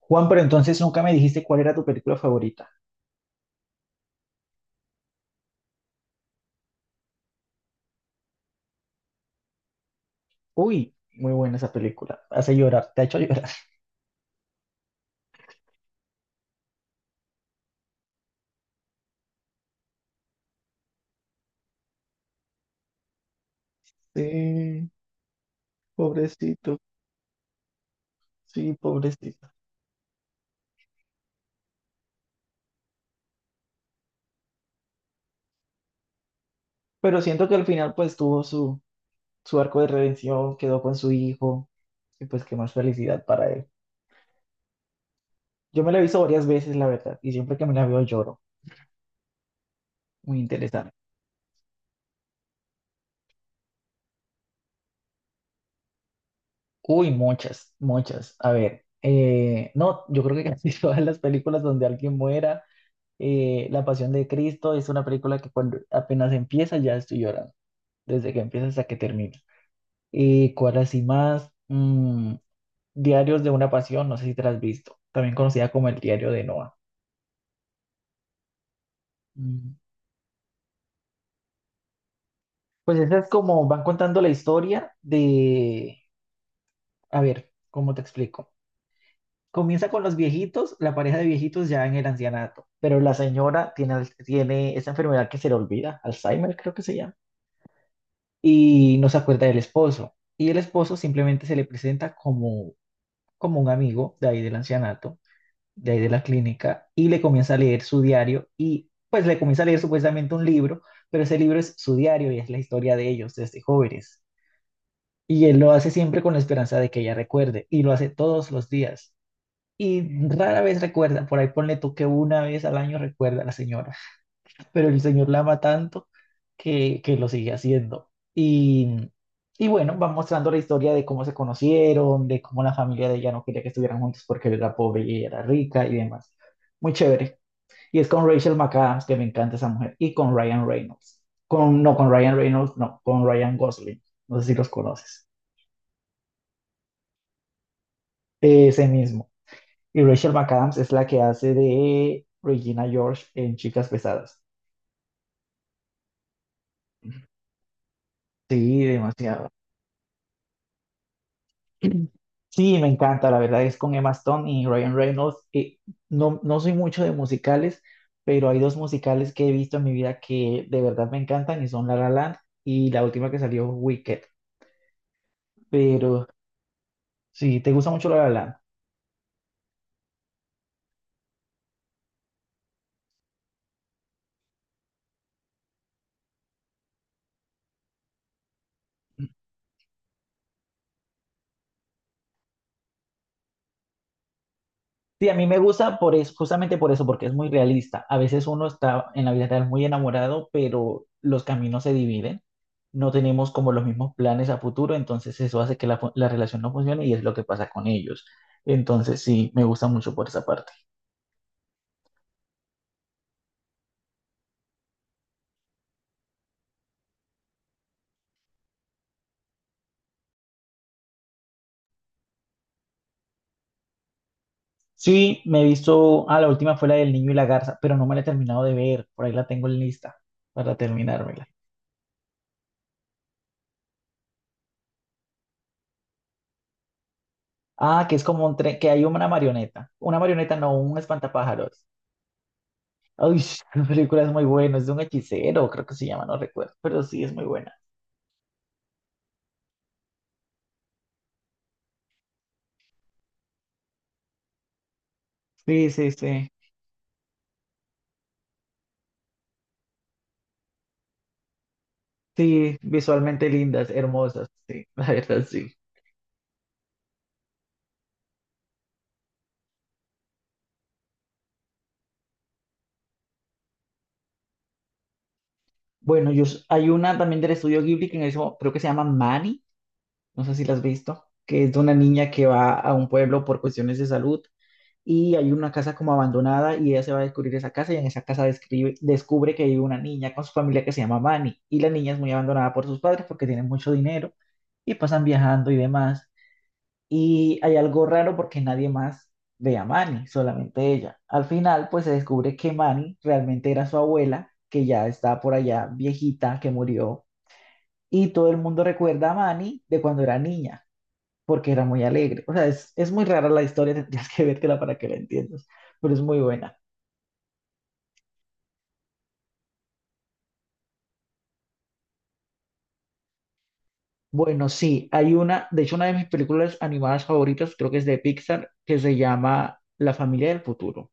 Juan, pero entonces nunca me dijiste cuál era tu película favorita. Uy, muy buena esa película. Hace llorar, te ha hecho llorar. Sí, pobrecito, sí, pobrecito. Pero siento que al final pues tuvo su arco de redención, quedó con su hijo y pues qué más felicidad para él. Yo me la he visto varias veces, la verdad, y siempre que me la veo lloro. Muy interesante. Uy, muchas, muchas. A ver, no, yo creo que casi todas las películas donde alguien muera. La Pasión de Cristo es una película que cuando apenas empieza ya estoy llorando, desde que empieza hasta que termina. ¿Cuál así más? Diarios de una Pasión, no sé si te la has visto, también conocida como El Diario de Noah. Mm, Pues esa es como van contando la historia de, a ver, ¿cómo te explico? Comienza con los viejitos, la pareja de viejitos ya en el ancianato, pero la señora tiene esa enfermedad que se le olvida, Alzheimer creo que se llama y no se acuerda del esposo. Y el esposo simplemente se le presenta como, como un amigo de ahí del ancianato, de ahí de la clínica, y le comienza a leer su diario y pues le comienza a leer supuestamente un libro, pero ese libro es su diario y es la historia de ellos desde jóvenes. Y él lo hace siempre con la esperanza de que ella recuerde y lo hace todos los días. Y rara vez recuerda, por ahí ponle tú que una vez al año recuerda a la señora, pero el Señor la ama tanto que lo sigue haciendo. Y, y bueno, va mostrando la historia de cómo se conocieron, de cómo la familia de ella no quería que estuvieran juntos porque él era pobre y ella era rica y demás. Muy chévere. Y es con Rachel McAdams, que me encanta esa mujer, y con Ryan Reynolds. Con, no, con Ryan Reynolds, no, con Ryan Gosling. No sé si los conoces. Ese mismo. Y Rachel McAdams es la que hace de Regina George en Chicas Pesadas. Sí, demasiado. Sí, me encanta, la verdad es con Emma Stone y Ryan Reynolds. No, no soy mucho de musicales, pero hay dos musicales que he visto en mi vida que de verdad me encantan y son La La Land y la última que salió, Wicked. Pero sí, ¿te gusta mucho La La Land? Sí, a mí me gusta justamente por eso, porque es muy realista. A veces uno está en la vida real muy enamorado, pero los caminos se dividen. No tenemos como los mismos planes a futuro, entonces eso hace que la relación no funcione y es lo que pasa con ellos. Entonces sí, me gusta mucho por esa parte. Sí, me he visto, la última fue la del niño y la garza, pero no me la he terminado de ver, por ahí la tengo en lista para terminármela. Ah, que es como un tren, que hay una marioneta, no, un espantapájaros. Ay, la película es muy buena, es de un hechicero, creo que se llama, no recuerdo, pero sí es muy buena. Sí, sí, sí. Sí, visualmente lindas, hermosas, sí, la verdad, sí. Bueno, hay una también del estudio Ghibli que creo que se llama Manny, no sé si la has visto, que es de una niña que va a un pueblo por cuestiones de salud y hay una casa como abandonada y ella se va a descubrir esa casa y en esa casa descubre que hay una niña con su familia que se llama Manny y la niña es muy abandonada por sus padres porque tienen mucho dinero y pasan viajando y demás. Y hay algo raro porque nadie más ve a Manny, solamente ella. Al final, pues se descubre que Manny realmente era su abuela, que ya está por allá viejita, que murió. Y todo el mundo recuerda a Manny de cuando era niña, porque era muy alegre. O sea, es muy rara la historia, tendrías que vértela para que la entiendas, pero es muy buena. Bueno, sí, hay una, de hecho, una de mis películas animadas favoritas, creo que es de Pixar, que se llama La familia del futuro,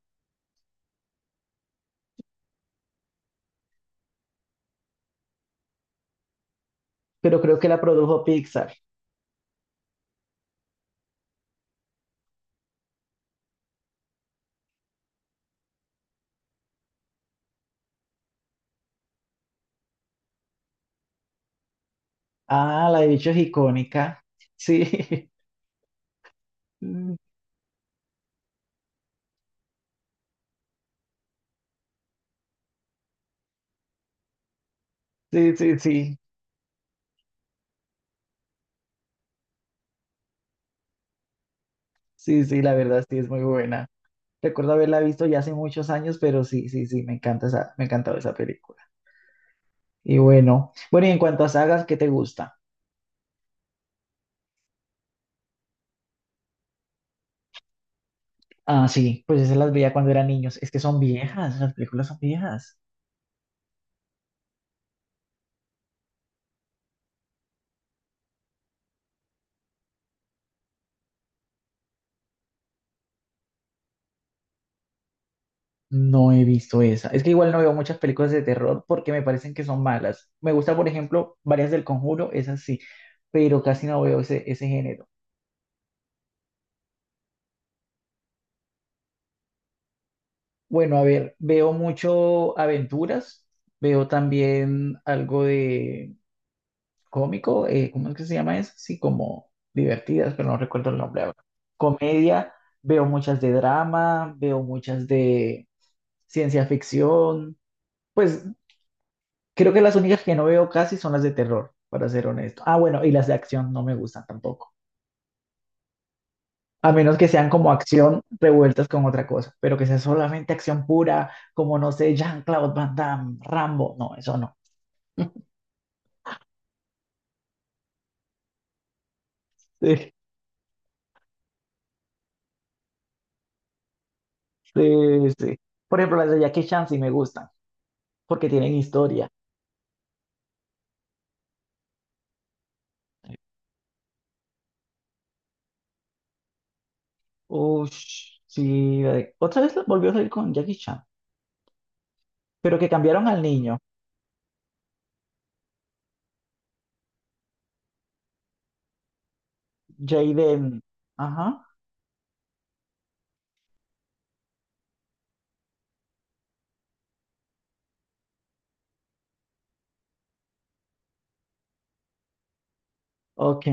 pero creo que la produjo Pixar. Ah, la de bicho es icónica. Sí, Mm, sí, sí, sí, sí, sí, la verdad sí es muy buena. Recuerdo haberla visto ya hace muchos años, pero sí, sí, sí, me encanta esa, me encantaba esa película. Y bueno, bueno, y en cuanto a sagas, ¿qué te gusta? Ah, sí, pues esas las veía cuando eran niños. Es que son viejas, las películas son viejas. No he visto esa. Es que igual no veo muchas películas de terror porque me parecen que son malas. Me gusta, por ejemplo, varias del Conjuro, esas sí, pero casi no veo ese género. Bueno, a ver, veo mucho aventuras, veo también algo de cómico, ¿cómo es que se llama eso? Sí, como divertidas, pero no recuerdo el nombre ahora. Comedia, veo muchas de drama, veo muchas de ciencia ficción. Pues creo que las únicas que no veo casi son las de terror, para ser honesto. Ah, bueno, y las de acción no me gustan tampoco. A menos que sean como acción revueltas con otra cosa, pero que sea solamente acción pura, como no sé, Jean-Claude Van Damme, Rambo, no, eso no. Sí, sí, sí. Por ejemplo, las de Jackie Chan sí me gustan, porque tienen historia. Ush, sí. Otra vez volvió a salir con Jackie Chan, pero que cambiaron al niño, Jaden. Ajá, ok.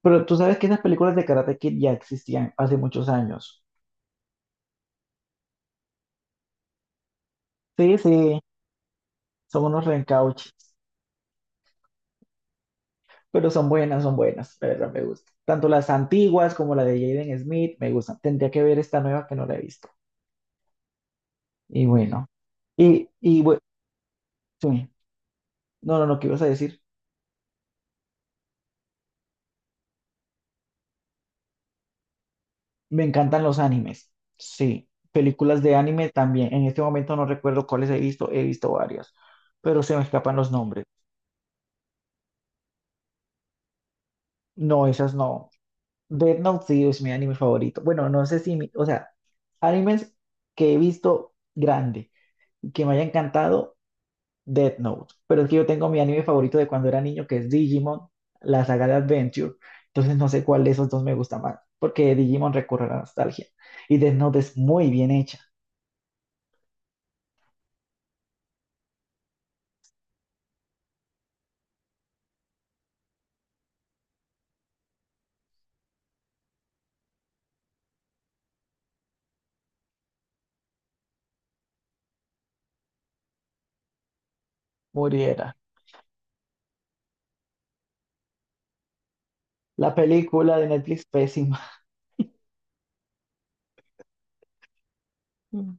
Pero tú sabes que esas películas de Karate Kid ya existían hace muchos años. Sí, sí, son unos reencauches, pero son buenas, la verdad me gusta. Tanto las antiguas como la de Jaden Smith me gustan. Tendría que ver esta nueva que no la he visto. Y bueno, y bueno, no, no, no, ¿qué ibas a decir? Me encantan los animes. Sí, películas de anime también. En este momento no recuerdo cuáles he visto varias, pero se me escapan los nombres. No, esas no. Death Note sí es mi anime favorito. Bueno, no sé si, mi- o sea, animes que he visto grande y que me haya encantado, Death Note. Pero es que yo tengo mi anime favorito de cuando era niño, que es Digimon, la saga de Adventure. Entonces no sé cuál de esos dos me gusta más, porque Digimon recurre a la nostalgia y Death Note es muy bien hecha. Muriera. La película de Netflix pésima. Mm.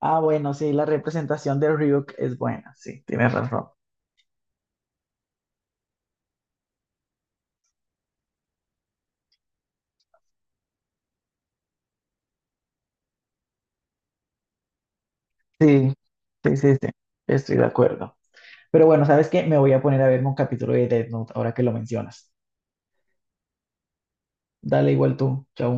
Ah, bueno, sí, la representación de Ryuk es buena, sí, tienes razón. Sí, sí, sí, sí, estoy de acuerdo. Pero bueno, ¿sabes qué? Me voy a poner a verme un capítulo de Death Note ahora que lo mencionas. Dale igual tú, chao.